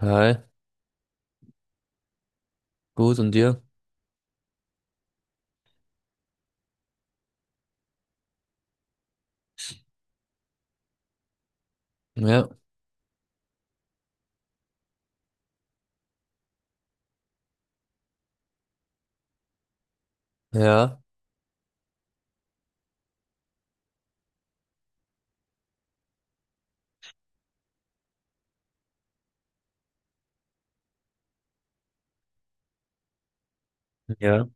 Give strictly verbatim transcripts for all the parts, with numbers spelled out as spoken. Hi, gut und dir? Ja, ja, Ja.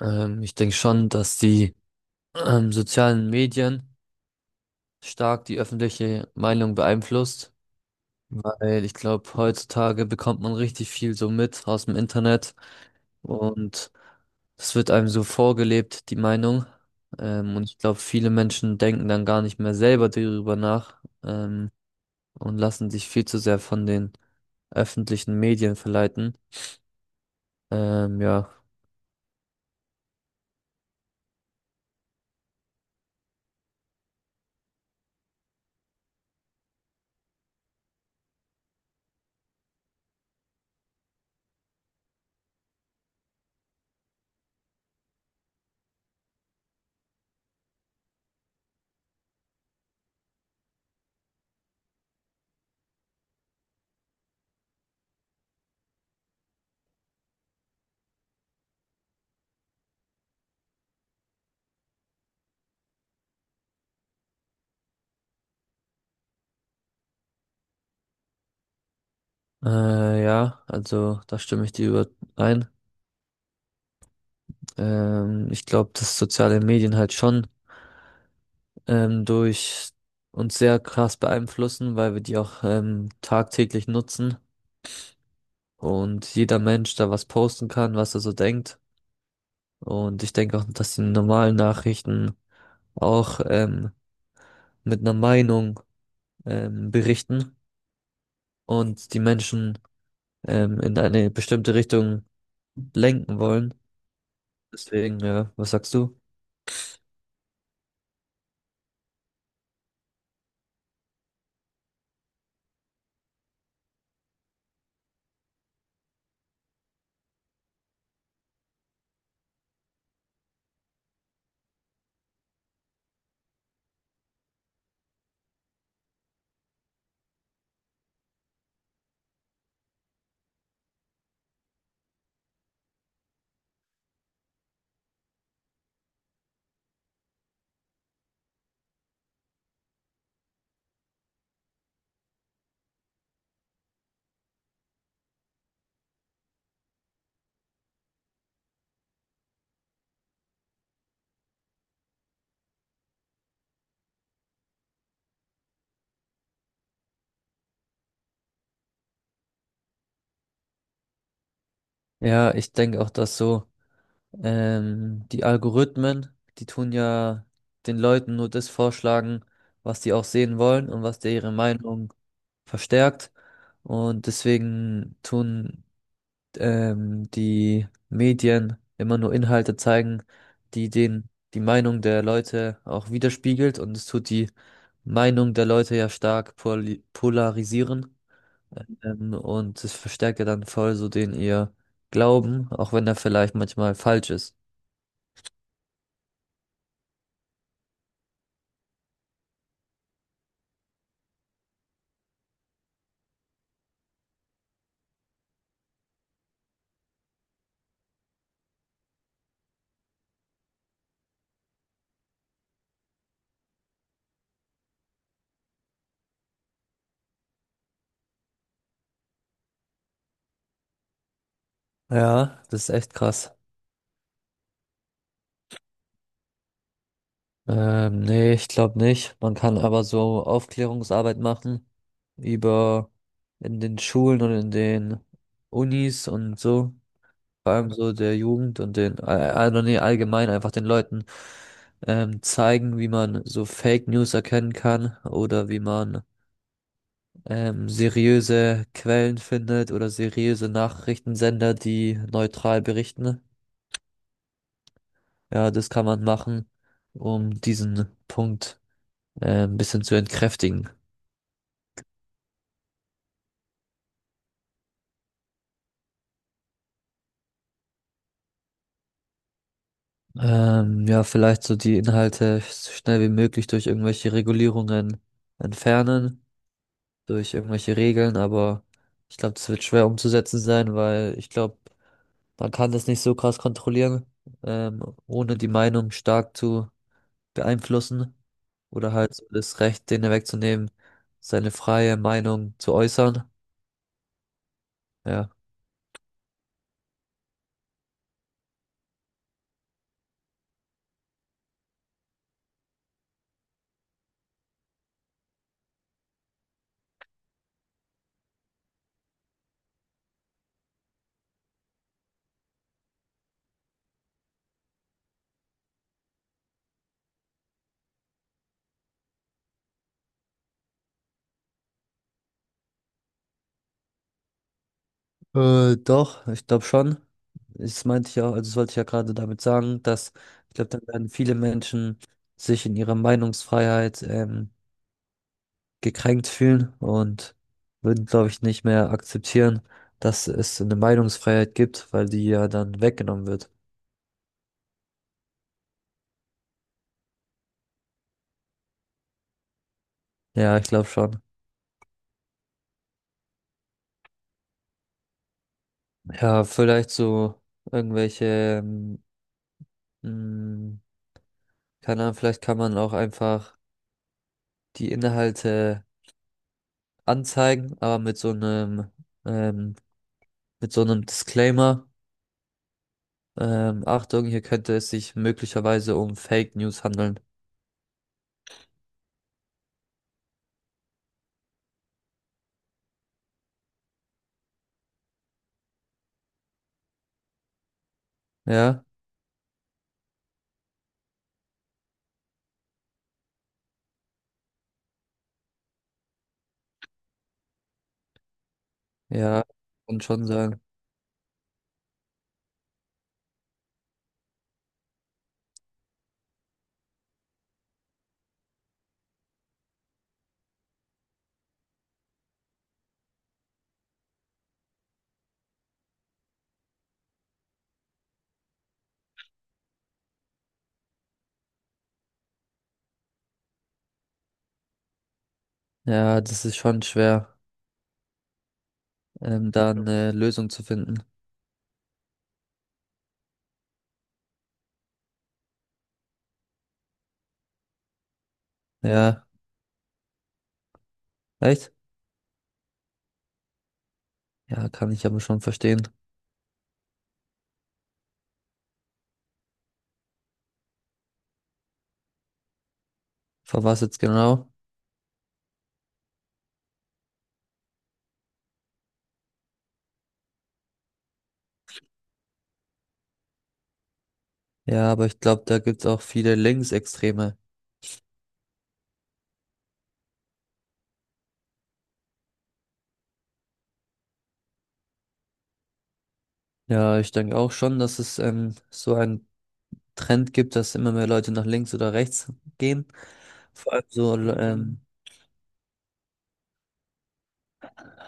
ähm, Ich denke schon, dass die ähm, sozialen Medien stark die öffentliche Meinung beeinflusst, weil ich glaube, heutzutage bekommt man richtig viel so mit aus dem Internet und es wird einem so vorgelebt, die Meinung. Ähm, und ich glaube, viele Menschen denken dann gar nicht mehr selber darüber nach, ähm, und lassen sich viel zu sehr von den öffentlichen Medien verleiten. Ähm, ja. Äh, ja, also da stimme ich dir überein. Ähm, ich glaube, dass soziale Medien halt schon ähm, durch uns sehr krass beeinflussen, weil wir die auch ähm, tagtäglich nutzen und jeder Mensch da was posten kann, was er so denkt. Und ich denke auch, dass die normalen Nachrichten auch ähm, mit einer Meinung ähm, berichten und die Menschen ähm, in eine bestimmte Richtung lenken wollen. Deswegen, ja, was sagst du? Ja, ich denke auch, dass so ähm, die Algorithmen, die tun ja den Leuten nur das vorschlagen, was die auch sehen wollen und was der ihre Meinung verstärkt. Und deswegen tun ähm, die Medien immer nur Inhalte zeigen, die den, die Meinung der Leute auch widerspiegelt. Und es tut die Meinung der Leute ja stark poli- polarisieren. Ähm, und es verstärkt ja dann voll so den ihr Glauben, auch wenn er vielleicht manchmal falsch ist. Ja, das ist echt krass. Ähm, nee, ich glaube nicht. Man kann aber so Aufklärungsarbeit machen über in den Schulen und in den Unis und so. Vor allem so der Jugend und den, also äh, nee, allgemein einfach den Leuten ähm, zeigen, wie man so Fake News erkennen kann oder wie man ähm, seriöse Quellen findet oder seriöse Nachrichtensender, die neutral berichten. Ja, das kann man machen, um diesen Punkt äh, ein bisschen zu entkräftigen. Ähm, ja, vielleicht so die Inhalte so schnell wie möglich durch irgendwelche Regulierungen entfernen, durch irgendwelche Regeln, aber ich glaube, das wird schwer umzusetzen sein, weil ich glaube, man kann das nicht so krass kontrollieren, ähm, ohne die Meinung stark zu beeinflussen oder halt so das Recht, denen wegzunehmen, seine freie Meinung zu äußern. Ja. Äh, doch, ich glaube schon. Das meinte ich ja, also das wollte ich ja gerade damit sagen, dass ich glaube, dann werden viele Menschen sich in ihrer Meinungsfreiheit ähm, gekränkt fühlen und würden, glaube ich, nicht mehr akzeptieren, dass es so eine Meinungsfreiheit gibt, weil die ja dann weggenommen wird. Ja, ich glaube schon. Ja, vielleicht so irgendwelche ähm, keine Ahnung, vielleicht kann man auch einfach die Inhalte anzeigen, aber mit so einem, ähm, mit so einem Disclaimer. Ähm, Achtung, hier könnte es sich möglicherweise um Fake News handeln. Ja, ja, und schon sagen. Ja, das ist schon schwer, ähm, da eine Lösung zu finden. Ja, echt? Ja, kann ich aber schon verstehen. Vor was jetzt genau? Ja, aber ich glaube, da gibt's auch viele Linksextreme. Ja, ich denke auch schon, dass es ähm, so ein Trend gibt, dass immer mehr Leute nach links oder rechts gehen. Vor allem so, Mhm. ähm,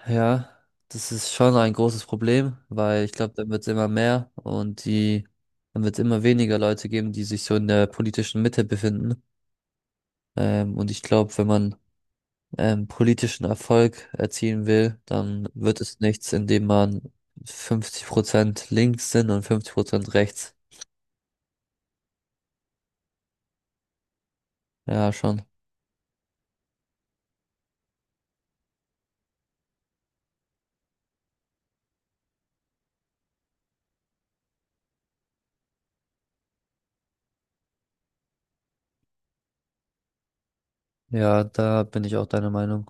ja, das ist schon ein großes Problem, weil ich glaube, dann wird es immer mehr und die, dann wird es immer weniger Leute geben, die sich so in der politischen Mitte befinden. Ähm, und ich glaube, wenn man ähm, politischen Erfolg erzielen will, dann wird es nichts, indem man fünfzig Prozent links sind und fünfzig Prozent rechts. Ja, schon. Ja, da bin ich auch deiner Meinung.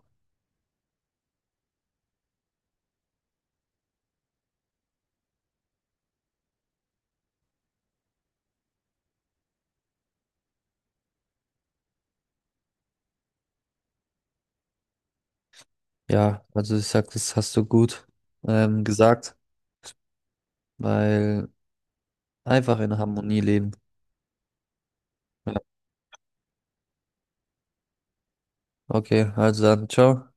Ja, also ich sag, das hast du gut ähm, gesagt, weil einfach in Harmonie leben. Okay, also dann, ciao.